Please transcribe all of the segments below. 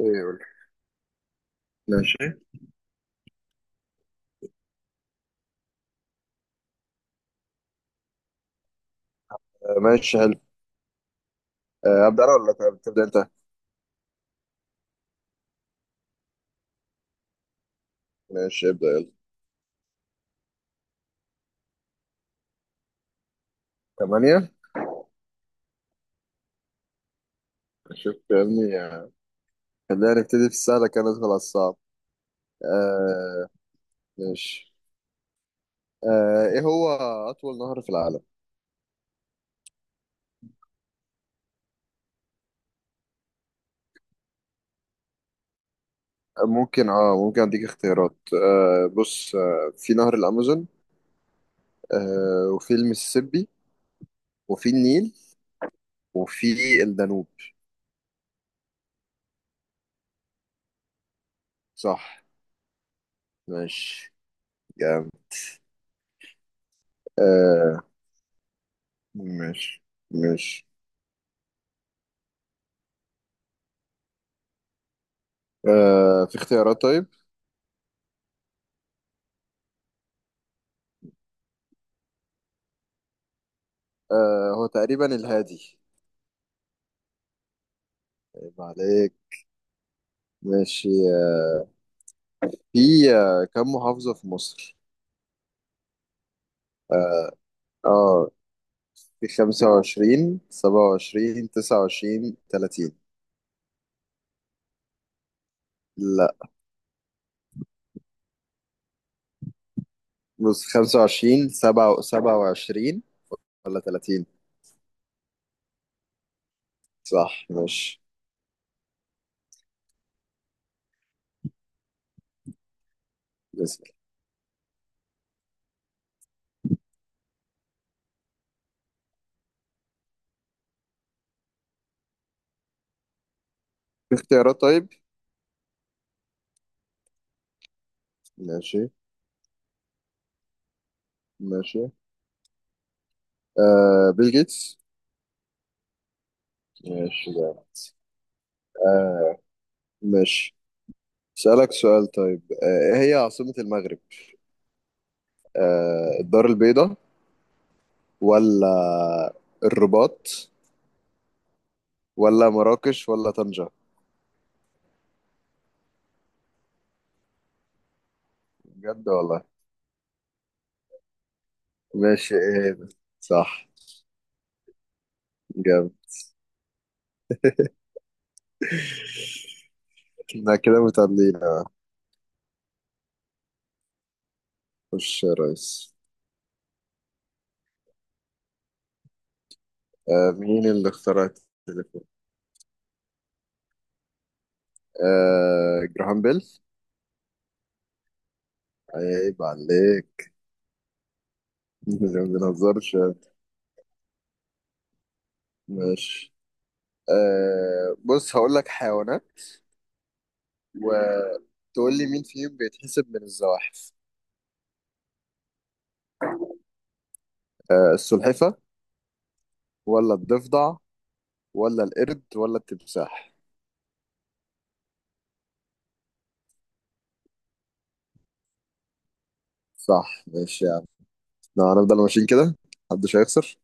ايه يقول. ماشي. ماشي حلو. ابدا انا ولا تبدا انت. ماشي ابدا يلا. ثمانية. شوف يا ابني. خلينا نبتدي في السهل كان ندخل على الصعب. آه ماشي. ايه هو اطول نهر في العالم؟ ممكن اديك اختيارات. بص، في نهر الامازون وفي المسيسيبي وفي النيل وفي الدانوب. صح ماشي جامد. آه ماشي ماشي آه في اختيارات طيب آه هو تقريبا الهادي عيب عليك ماشي. في كم محافظة في مصر؟ اه آه، في 25 27 29 30. لا. بص 25 27 ولا 30. صح ماشي. بس في اختيارات طيب. ماشي. ماشي. بيل جيتس. ماشي ده. آه ماشي. سألك سؤال طيب، ايه هي عاصمة المغرب؟ الدار البيضاء ولا الرباط ولا مراكش ولا طنجة؟ بجد والله. ماشي ايه ده. صح. جامد. احنا كده متعادلين اه. خش يا ريس. مين اللي اخترع التليفون؟ جراهام بيل. عيب عليك. ما بنهزرش. ماشي. بص هقول لك حيوانات وتقول لي مين فيهم بيتحسب من الزواحف. السلحفة ولا الضفدع ولا القرد ولا التمساح؟ صح ماشي يا عم. لو هنفضل ماشيين كده محدش هيخسر.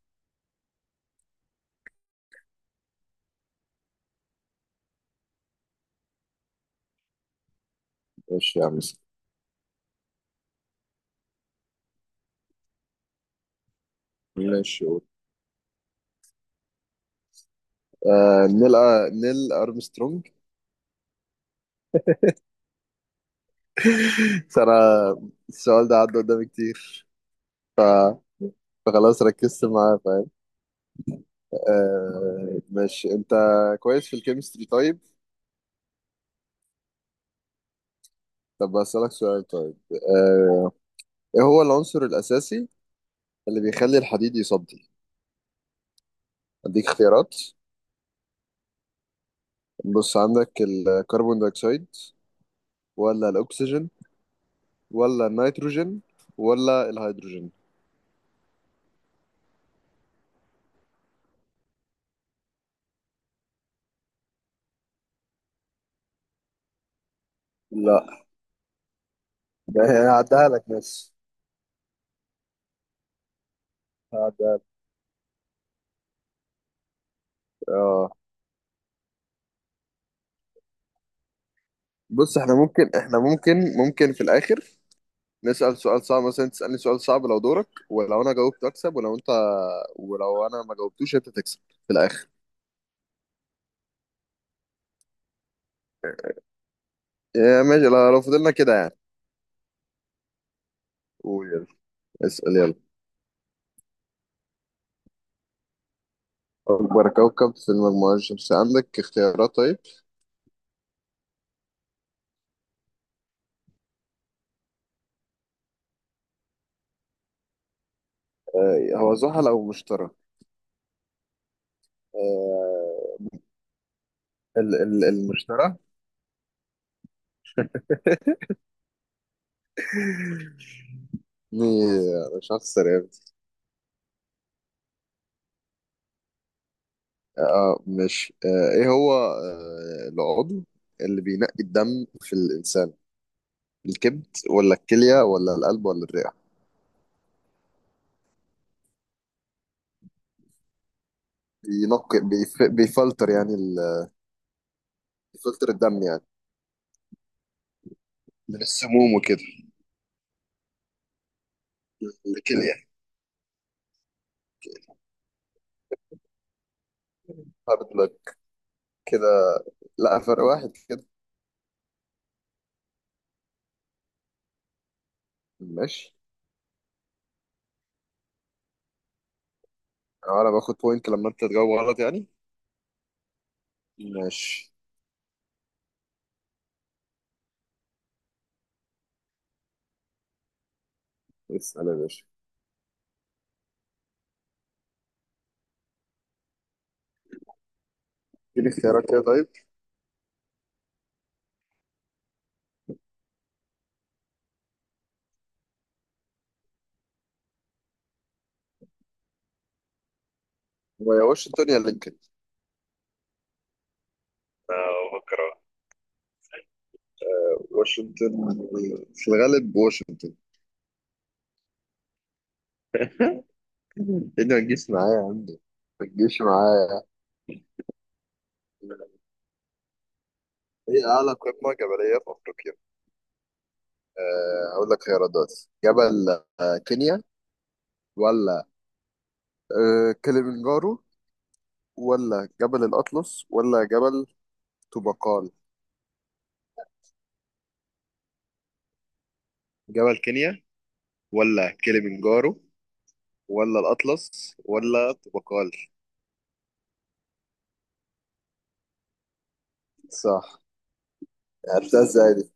ماشي يا عم. ماشي قول. نيل أرمسترونج. بس أنا السؤال ده عدى قدامي كتير، ف... فخلاص ركزت معاه فاهم. ماشي. أنت كويس في الكيمستري طيب؟ طب أسألك سؤال طيب. إيه هو العنصر الأساسي اللي بيخلي الحديد يصدي؟ أديك اختيارات. بص، عندك الكربون دايوكسيد ولا الأكسجين ولا النيتروجين ولا الهيدروجين؟ لا، ده انا هعديها لك بس. هعديها لك. اه. بص احنا ممكن في الاخر نسأل سؤال صعب، مثلا تسألني سؤال صعب لو دورك، ولو انا جاوبت اكسب، ولو انت ولو انا ما جاوبتوش انت تكسب في الاخر. يا ماشي، لو فضلنا كده يعني. قول يلا. اسأل يلا. اكبر كوكب في المجموعة الشمسية عندك اختيارات طيب. هو زحل او مشتري. آه ال المشتري. إيه، انا مش هخسر يا ابني. اه مش ايه هو العضو اللي بينقي الدم في الانسان؟ الكبد ولا الكليه ولا القلب ولا الرئه؟ بينقي بيفلتر يعني بيفلتر الدم يعني، من السموم وكده. الكليه. هارد بلاد. كده. لا فرق واحد كده. ماشي. انا باخد بوينت لما انت تجاوب غلط يعني. ماشي. اسال يا باشا. اديني اختيارات كده طيب. واشنطن يا لينكولن. آه، بفكر أهو. واشنطن. في الغالب واشنطن. ايه. ده ما تجيش معايا يا عم. ما تجيش معايا. هي أعلى قمة جبلية في أفريقيا. أقول لك خيارات دلوقتي. جبل كينيا ولا كليمنجارو ولا جبل الأطلس ولا جبل طوبقال؟ جبل كينيا ولا كليمنجارو ولا الأطلس ولا طوبقال؟ صح. عرفتها ازاي دي؟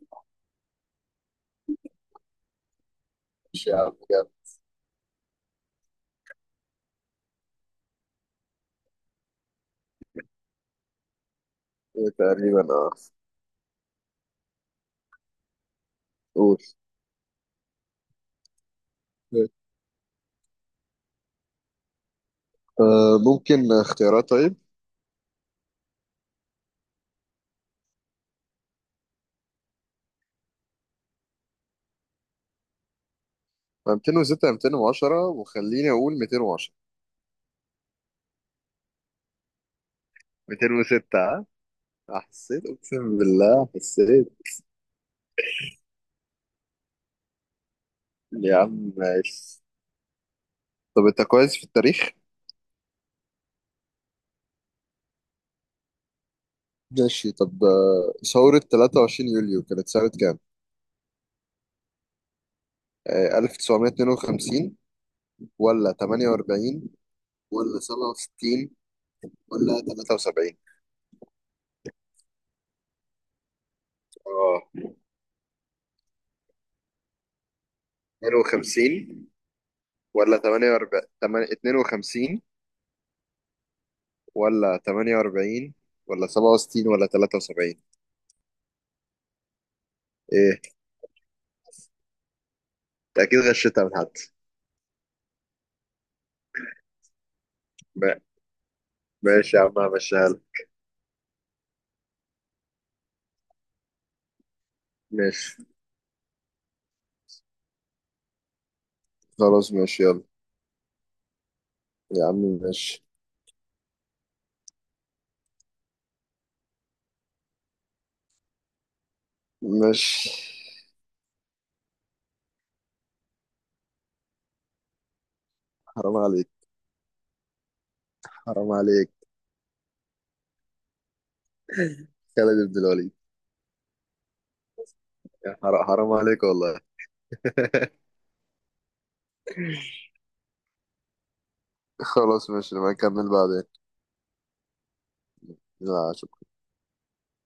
مش يا عم، جامد. إيه تقريبا اه. قول. ممكن اختيارات طيب. 206 210 وخليني أقول 210. 206 ها؟ حسيت اقسم بالله حسيت. يا عم ماشي. طب انت كويس في التاريخ؟ ماشي طب، ثورة 23 يوليو كانت سنة كام؟ 1952 ولا 48 ولا 67 ولا 73؟ اه، 52 ولا 48 52 ولا 48 ولا 67 ولا 73. ايه. انت اكيد غشيتها من حد. ما- ماشي يا عم همشيها لك. ماشي خلاص ماشي يلا. يا عم. ماشي. ماشي. حرام عليك. حرام عليك. خالد بن الوليد. يا حرام حرام عليك والله. خلاص ماشي نبقى نكمل بعدين. لا شكرا.